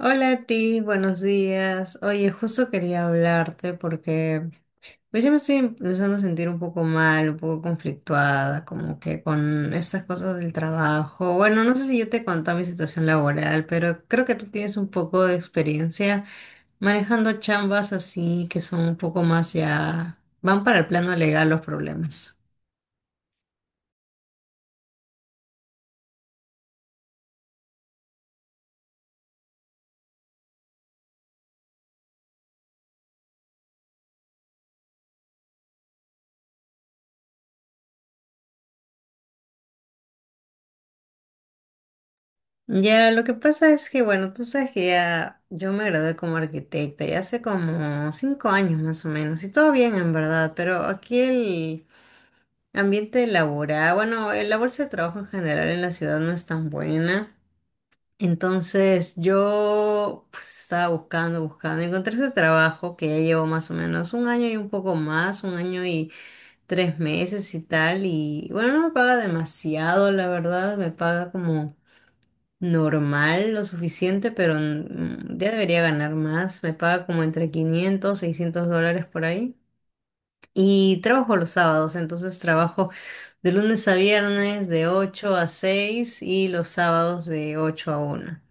Hola a ti, buenos días. Oye, justo quería hablarte porque pues ya me estoy empezando a sentir un poco mal, un poco conflictuada, como que con estas cosas del trabajo. Bueno, no sé si yo te conté mi situación laboral, pero creo que tú tienes un poco de experiencia manejando chambas así que son un poco más ya, van para el plano legal los problemas. Ya, lo que pasa es que, bueno, tú sabes que ya yo me gradué como arquitecta ya hace como 5 años más o menos, y todo bien en verdad, pero aquí el ambiente laboral, bueno, el la bolsa de trabajo en general en la ciudad no es tan buena. Entonces yo pues, estaba buscando, encontré este trabajo que ya llevo más o menos un año y un poco más, un año y 3 meses y tal, y bueno, no me paga demasiado, la verdad, me paga como normal, lo suficiente, pero ya debería ganar más. Me paga como entre 500, $600 por ahí. Y trabajo los sábados, entonces trabajo de lunes a viernes de 8 a 6 y los sábados de 8 a 1.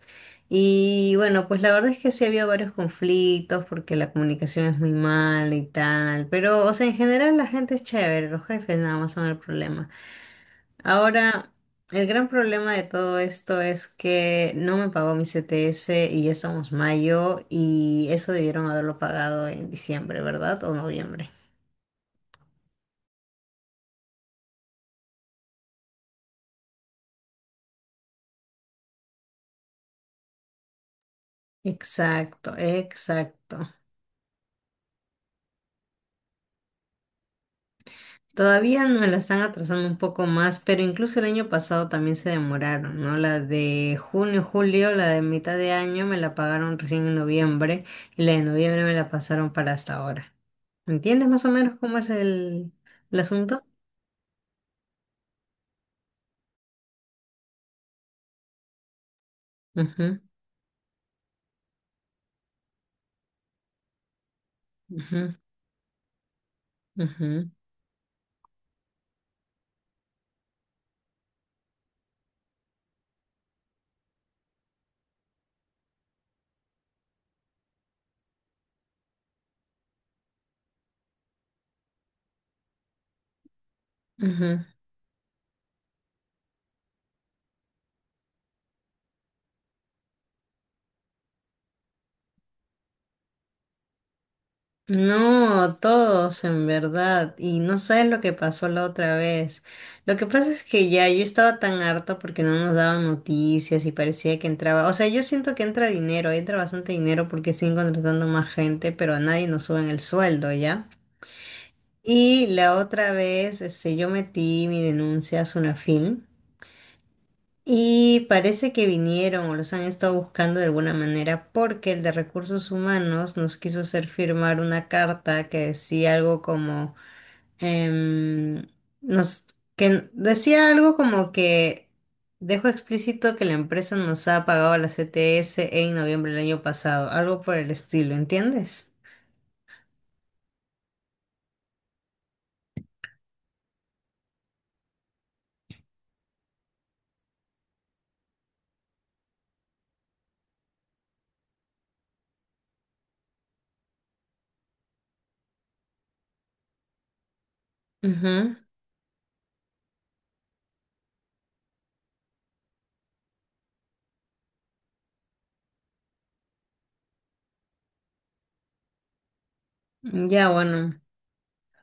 Y bueno, pues la verdad es que sí ha habido varios conflictos porque la comunicación es muy mala y tal, pero o sea, en general la gente es chévere, los jefes nada más son el problema. Ahora, el gran problema de todo esto es que no me pagó mi CTS y ya estamos mayo y eso debieron haberlo pagado en diciembre, ¿verdad? O noviembre. Exacto, exacto. Todavía me la están atrasando un poco más, pero incluso el año pasado también se demoraron, ¿no? La de junio, julio, la de mitad de año me la pagaron recién en noviembre y la de noviembre me la pasaron para hasta ahora. ¿Entiendes más o menos cómo es el asunto? Ujú, ujú. Ujú, ujú. No, todos en verdad. Y no sabes lo que pasó la otra vez. Lo que pasa es que ya yo estaba tan harta porque no nos daban noticias y parecía que entraba. O sea, yo siento que entra dinero, entra bastante dinero porque siguen contratando más gente, pero a nadie nos suben el sueldo, ¿ya? Y la otra vez, este, yo metí mi denuncia a Sunafin. Y parece que vinieron o los han estado buscando de alguna manera porque el de recursos humanos nos quiso hacer firmar una carta que decía algo como em, nos que decía algo como que dejó explícito que la empresa nos ha pagado la CTS en noviembre del año pasado, algo por el estilo, ¿entiendes? Ujú. Ya bueno,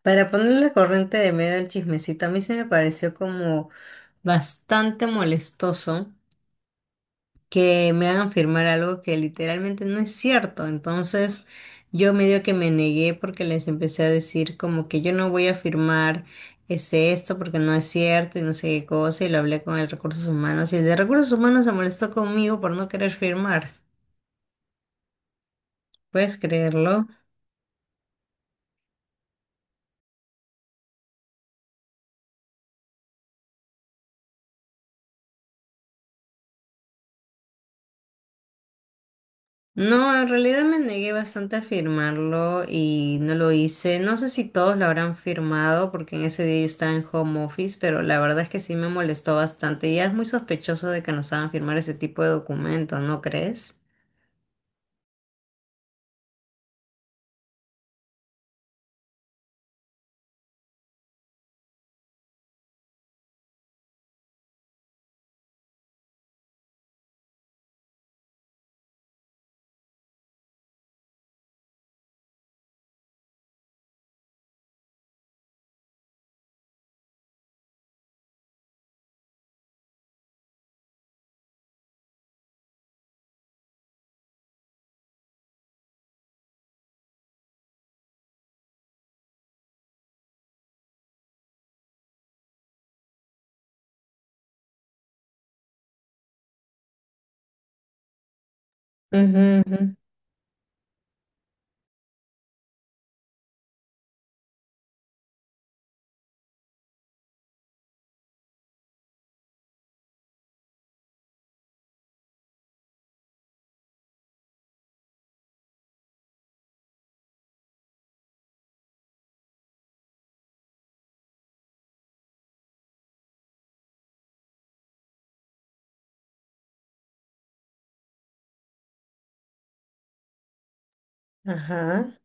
para ponerle la corriente de medio al chismecito, a mí se me pareció como bastante molestoso que me hagan firmar algo que literalmente no es cierto. Entonces, yo medio que me negué porque les empecé a decir como que yo no voy a firmar esto porque no es cierto y no sé qué cosa y lo hablé con el recursos humanos y el de recursos humanos se molestó conmigo por no querer firmar. ¿Puedes creerlo? No, en realidad me negué bastante a firmarlo y no lo hice. No sé si todos lo habrán firmado porque en ese día yo estaba en home office, pero la verdad es que sí me molestó bastante. Y ya es muy sospechoso de que nos hagan firmar ese tipo de documentos, ¿no crees? Ujú, ujú. Ajá,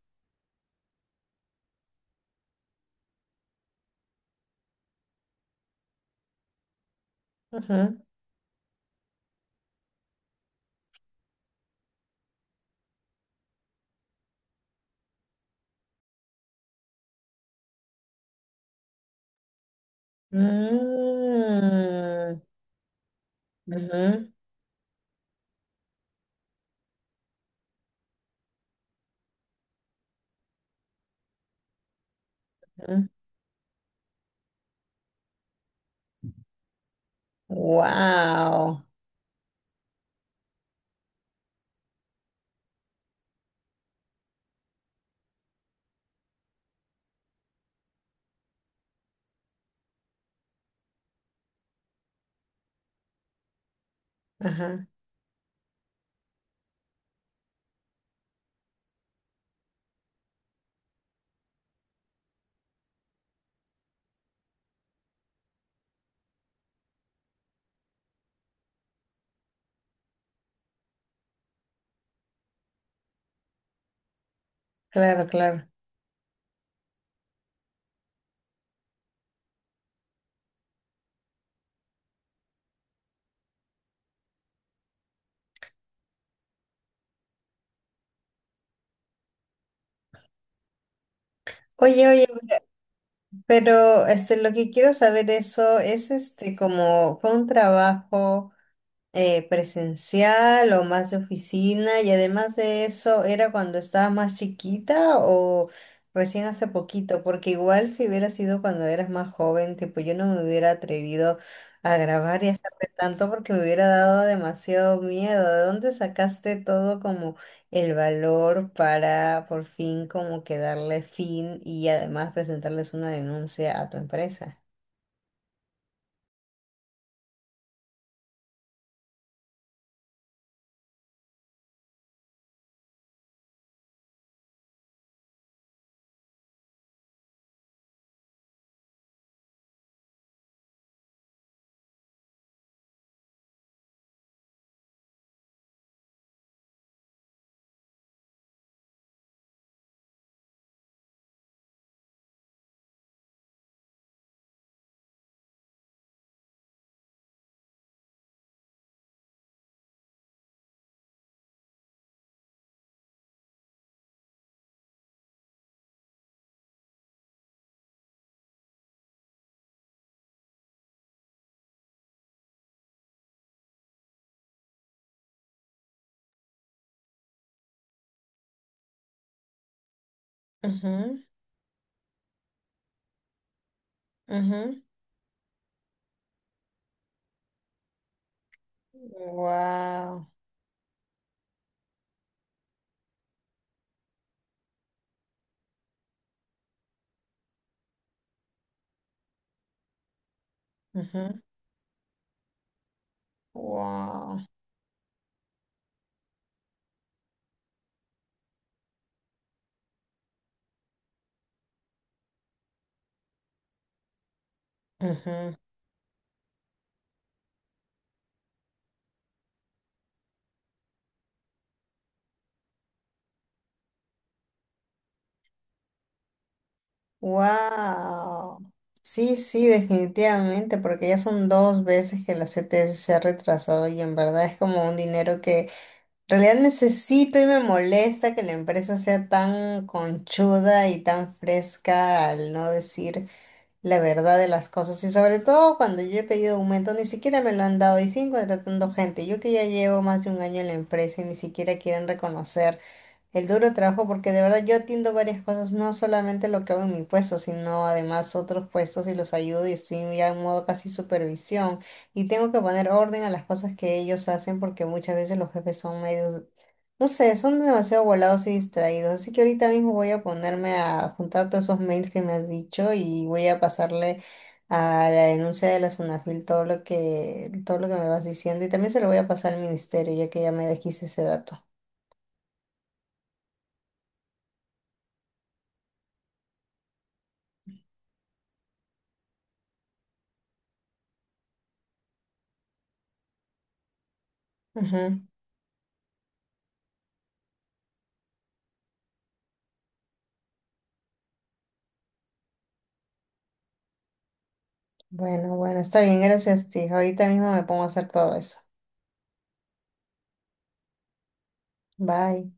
ajá. Mm, ujú, ujú. Wow. Ajá, claro, claro. Oye, oye, pero este, lo que quiero saber eso es este como fue un trabajo. ¿Presencial o más de oficina? Y además de eso, ¿era cuando estabas más chiquita o recién hace poquito? Porque igual si hubiera sido cuando eras más joven, tipo yo no me hubiera atrevido a grabar y a hacer tanto porque me hubiera dado demasiado miedo. ¿De dónde sacaste todo como el valor para por fin como que darle fin y además presentarles una denuncia a tu empresa? Wow. Wow. Ujú. Wow. Sí, sí, definitivamente, porque ya son dos veces que la CTS se ha retrasado y en verdad es como un dinero que en realidad necesito y me molesta que la empresa sea tan conchuda y tan fresca al no decir la verdad de las cosas. Y sobre todo cuando yo he pedido aumento, ni siquiera me lo han dado y siguen contratando gente. Yo que ya llevo más de un año en la empresa y ni siquiera quieren reconocer. El duro trabajo, porque de verdad yo atiendo varias cosas, no solamente lo que hago en mi puesto, sino además otros puestos y los ayudo y estoy ya en modo casi supervisión. Y tengo que poner orden a las cosas que ellos hacen porque muchas veces los jefes son medios, no sé, son demasiado volados y distraídos. Así que ahorita mismo voy a ponerme a juntar todos esos mails que me has dicho y voy a pasarle a la denuncia de la Sunafil todo lo que me vas diciendo y también se lo voy a pasar al ministerio ya que ya me dijiste ese dato. Ujú. Bueno, bueno, está bien, gracias, tía. Ahorita mismo me pongo a hacer todo eso. Bye.